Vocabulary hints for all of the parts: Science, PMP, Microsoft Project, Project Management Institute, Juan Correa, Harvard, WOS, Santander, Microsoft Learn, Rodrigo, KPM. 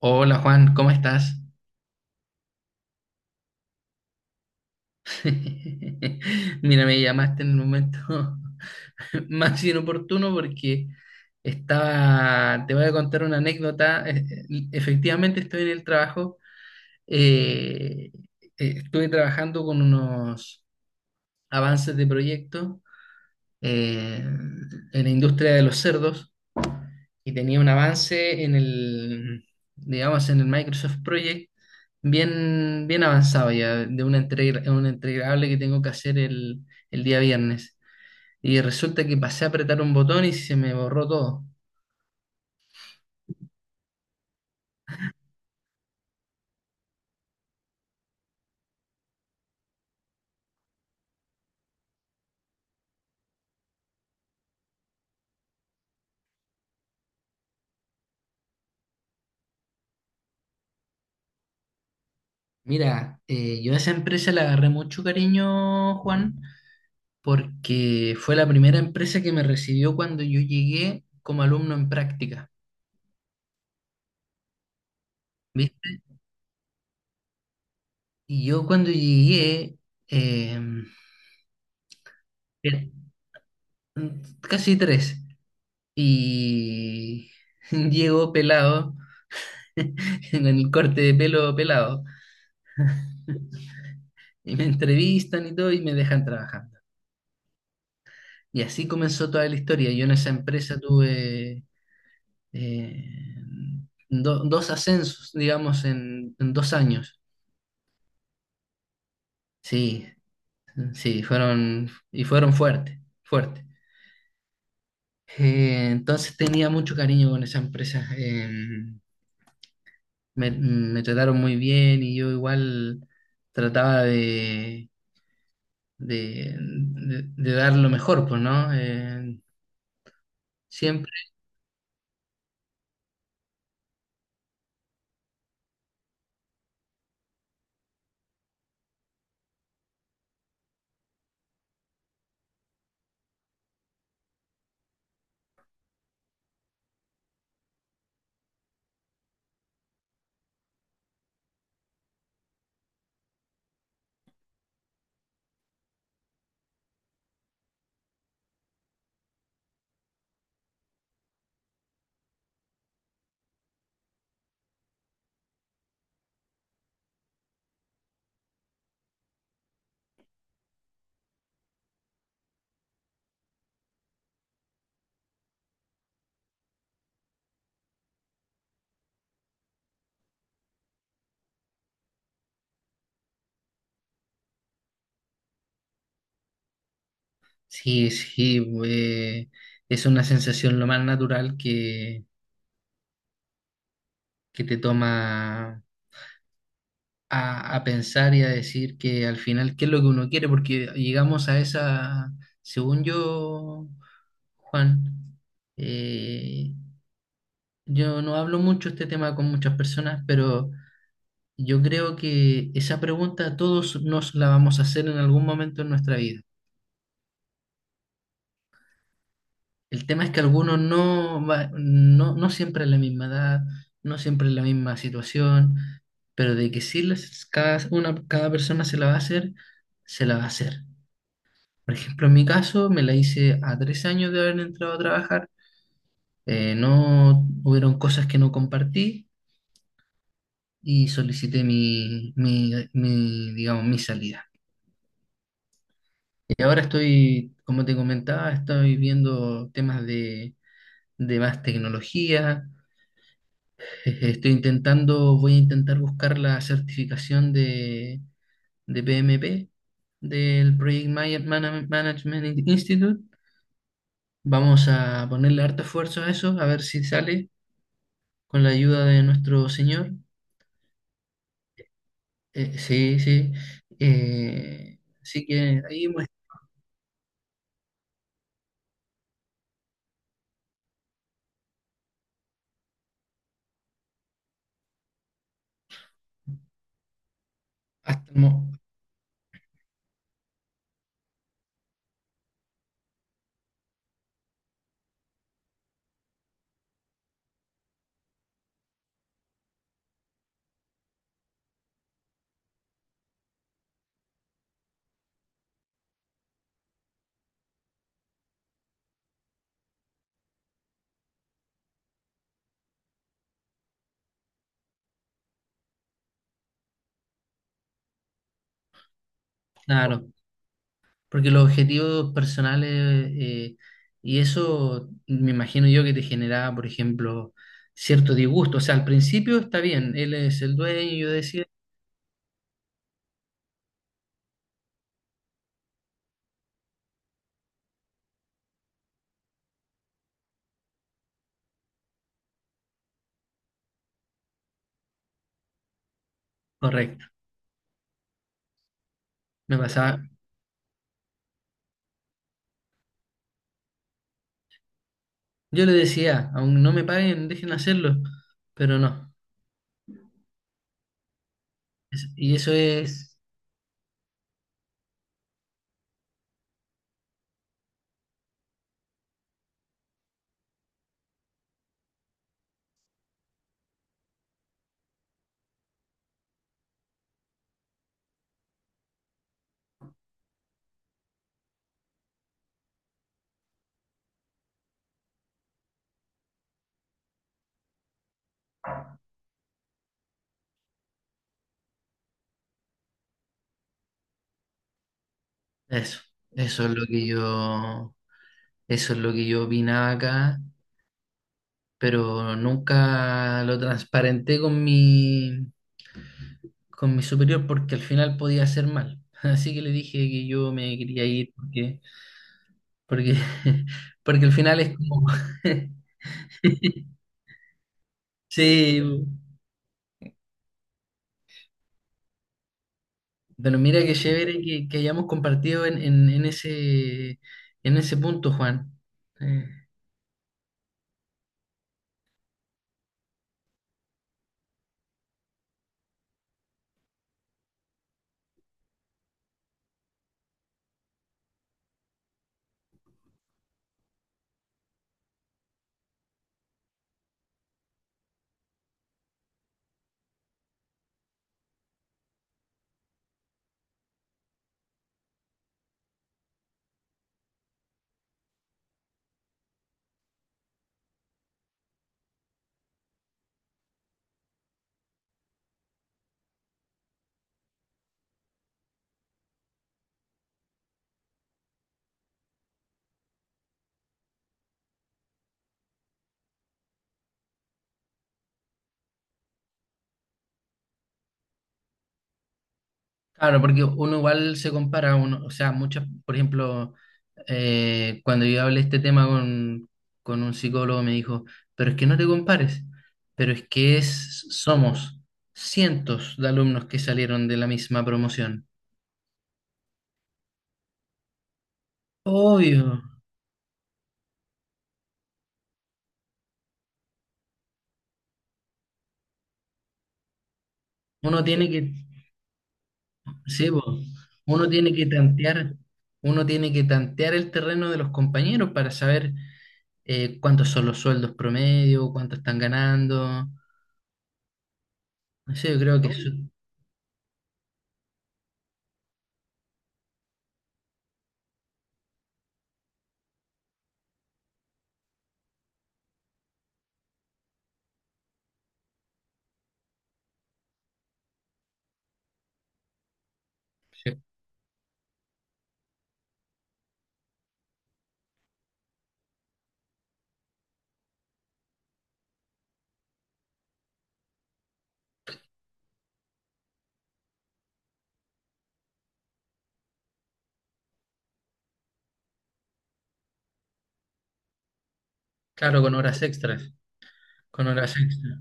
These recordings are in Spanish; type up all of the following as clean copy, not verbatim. Hola Juan, ¿cómo estás? Mira, me llamaste en el momento más inoportuno porque estaba, te voy a contar una anécdota. Efectivamente estoy en el trabajo, eh, estuve trabajando con unos avances de proyecto eh, en la industria de los cerdos. Y tenía un avance en el, digamos, en el Microsoft Project bien, bien avanzado ya, de una entrega, un entregable que tengo que hacer el día viernes. Y resulta que pasé a apretar un botón y se me borró todo. Mira, yo a esa empresa le agarré mucho cariño, Juan, porque fue la primera empresa que me recibió cuando yo llegué como alumno en práctica, ¿viste? Y yo cuando llegué, eh, eh, casi tres. Y llego pelado, con el corte de pelo pelado, y me entrevistan y todo y me dejan trabajando. Y así comenzó toda la historia. Yo en esa empresa tuve eh, dos ascensos, digamos, en dos años. Sí, sí, fueron, y fueron fuertes, fuertes. Entonces tenía mucho cariño con esa empresa. Me trataron muy bien y yo igual trataba de de dar lo mejor, pues, ¿no? Siempre, sí, sí, es una sensación lo más natural que te toma a pensar y a decir que al final qué es lo que uno quiere, porque llegamos a esa, según yo, Juan, eh, yo no hablo mucho este tema con muchas personas, pero... Yo creo que esa pregunta todos nos la vamos a hacer en algún momento en nuestra vida. El tema es que algunos no, no, no siempre es la misma edad, no siempre es la misma situación, pero de que sí cada, una, cada persona se la va a hacer, se la va a hacer. Por ejemplo, en mi caso me la hice a tres años de haber entrado a trabajar, no hubieron cosas que no compartí y solicité mi, digamos, mi salida. Y ahora estoy, como te comentaba, estoy viendo temas de más tecnología. Estoy intentando, voy a intentar buscar la certificación de PMP del Project Management Institute. Vamos a ponerle harto esfuerzo a eso, a ver si sale con la ayuda de nuestro señor. Sí, sí. Así que ahí, pues, hasta, claro, porque los objetivos personales, y eso me imagino yo que te generaba, por ejemplo, cierto disgusto. O sea, al principio está bien, él es el dueño, y yo decía, correcto, me pasaba. Yo le decía, aún no me paguen, dejen hacerlo, pero no. Y eso es, eso, eso es lo que yo, eso es lo que yo opinaba acá, pero nunca lo transparenté con mi superior porque al final podía hacer mal. Así que le dije que yo me quería ir porque, porque, porque al final es como... Sí, pero mira qué chévere que hayamos compartido en ese punto, Juan. Eh, Claro, porque uno igual se compara, uno, o sea, muchas, por ejemplo, cuando yo hablé este tema con un psicólogo me dijo, pero es que no te compares, pero es que es, somos cientos de alumnos que salieron de la misma promoción. Obvio, uno tiene que, sí, po, uno tiene que tantear, uno tiene que tantear el terreno de los compañeros para saber cuántos son los sueldos promedio, cuánto están ganando. No sé, yo creo que no, eso, claro, con horas extras, con horas extras.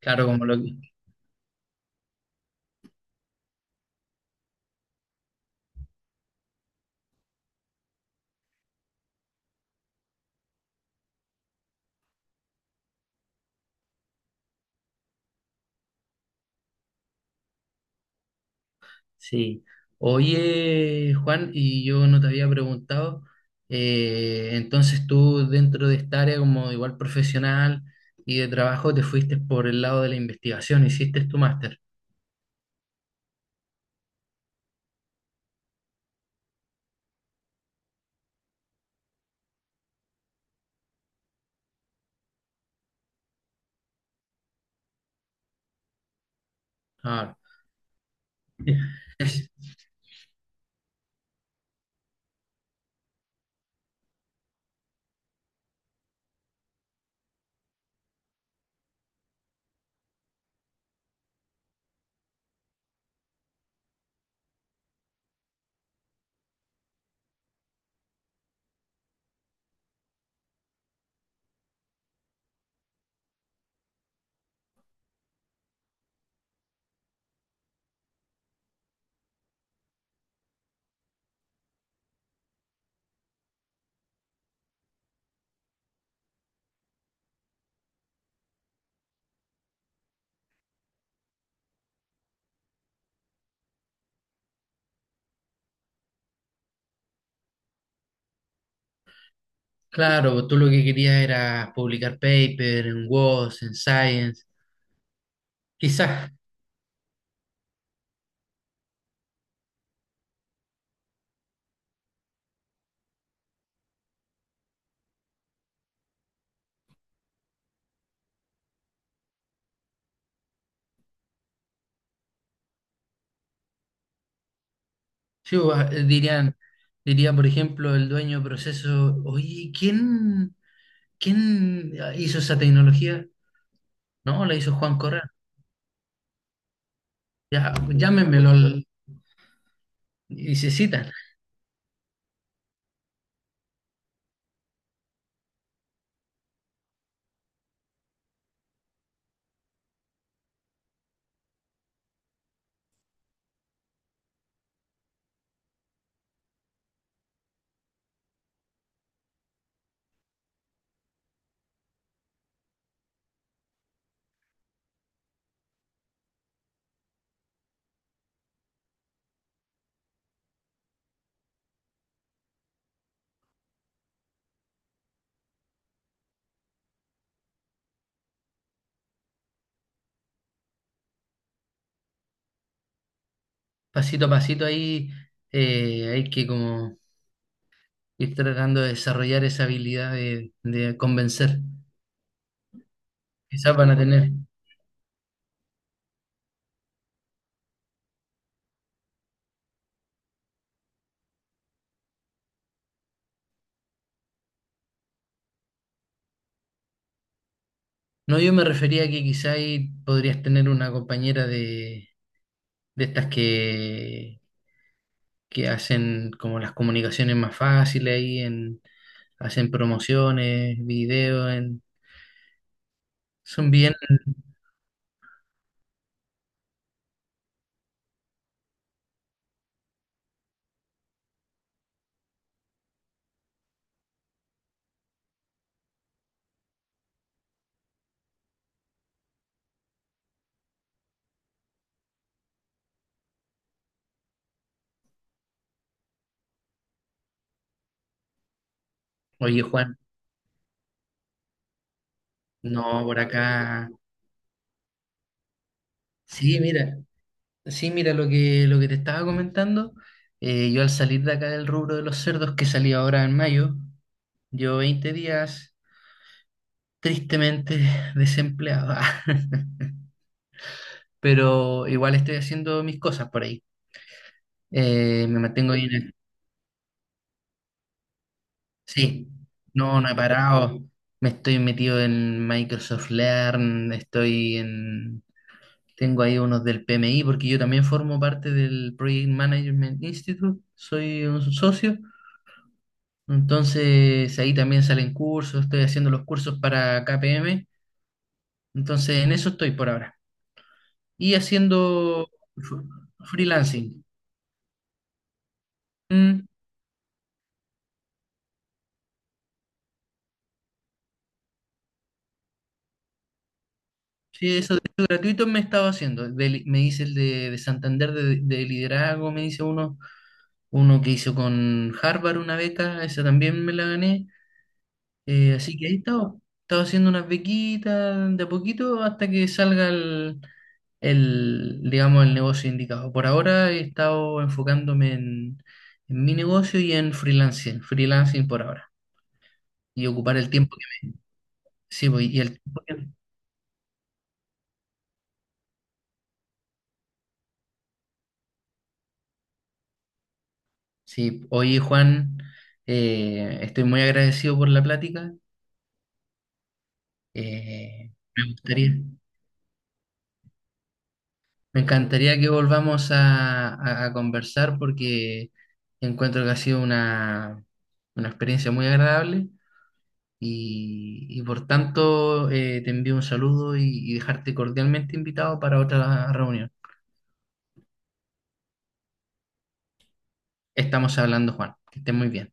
Claro, como lo que... Sí. Oye, Juan, y yo no te había preguntado, entonces tú dentro de esta área como igual profesional y de trabajo te fuiste por el lado de la investigación, hiciste tu máster. Ah, claro, tú lo que querías era publicar paper en WOS, en Science. Quizás, sí, o, dirían, diría por ejemplo el dueño de proceso, oye, ¿quién... ¿Quién hizo esa tecnología? No, la hizo Juan Correa. Ya, llámenmelo y se citan. Pasito a pasito ahí hay que como ir tratando de desarrollar esa habilidad de convencer. Quizás van a tener. No, yo me refería a que quizás ahí podrías tener una compañera de estas que hacen como las comunicaciones más fáciles ahí en, hacen promociones, videos, en, son bien. Oye, Juan, no, por acá sí, mira, sí, mira lo que te estaba comentando. Yo al salir de acá del rubro de los cerdos que salí ahora en mayo, yo 20 días tristemente desempleado, pero igual estoy haciendo mis cosas por ahí. Me mantengo ahí sí, no, no he parado. Me estoy metido en Microsoft Learn, estoy en... Tengo ahí unos del PMI porque yo también formo parte del Project Management Institute, soy un socio. Entonces ahí también salen cursos, estoy haciendo los cursos para KPM, entonces en eso estoy por ahora. Y haciendo fr- freelancing. Mm, sí, eso de hecho gratuito me estaba haciendo. Me hice el de Santander de liderazgo, me hice uno, uno que hizo con Harvard una beca, esa también me la gané. Así que ahí estaba, estaba haciendo unas bequitas de a poquito hasta que salga el, digamos, el negocio indicado. Por ahora he estado enfocándome en mi negocio y en freelancing, freelancing por ahora, y ocupar el tiempo que me... Sí, pues, y el tiempo que- Sí, oye Juan, estoy muy agradecido por la plática. eh, me gustaría. Me encantaría que volvamos a, a conversar porque encuentro que ha sido una experiencia muy agradable y por tanto te envío un saludo y dejarte cordialmente invitado para otra reunión. Estamos hablando, Juan. Que estés muy bien.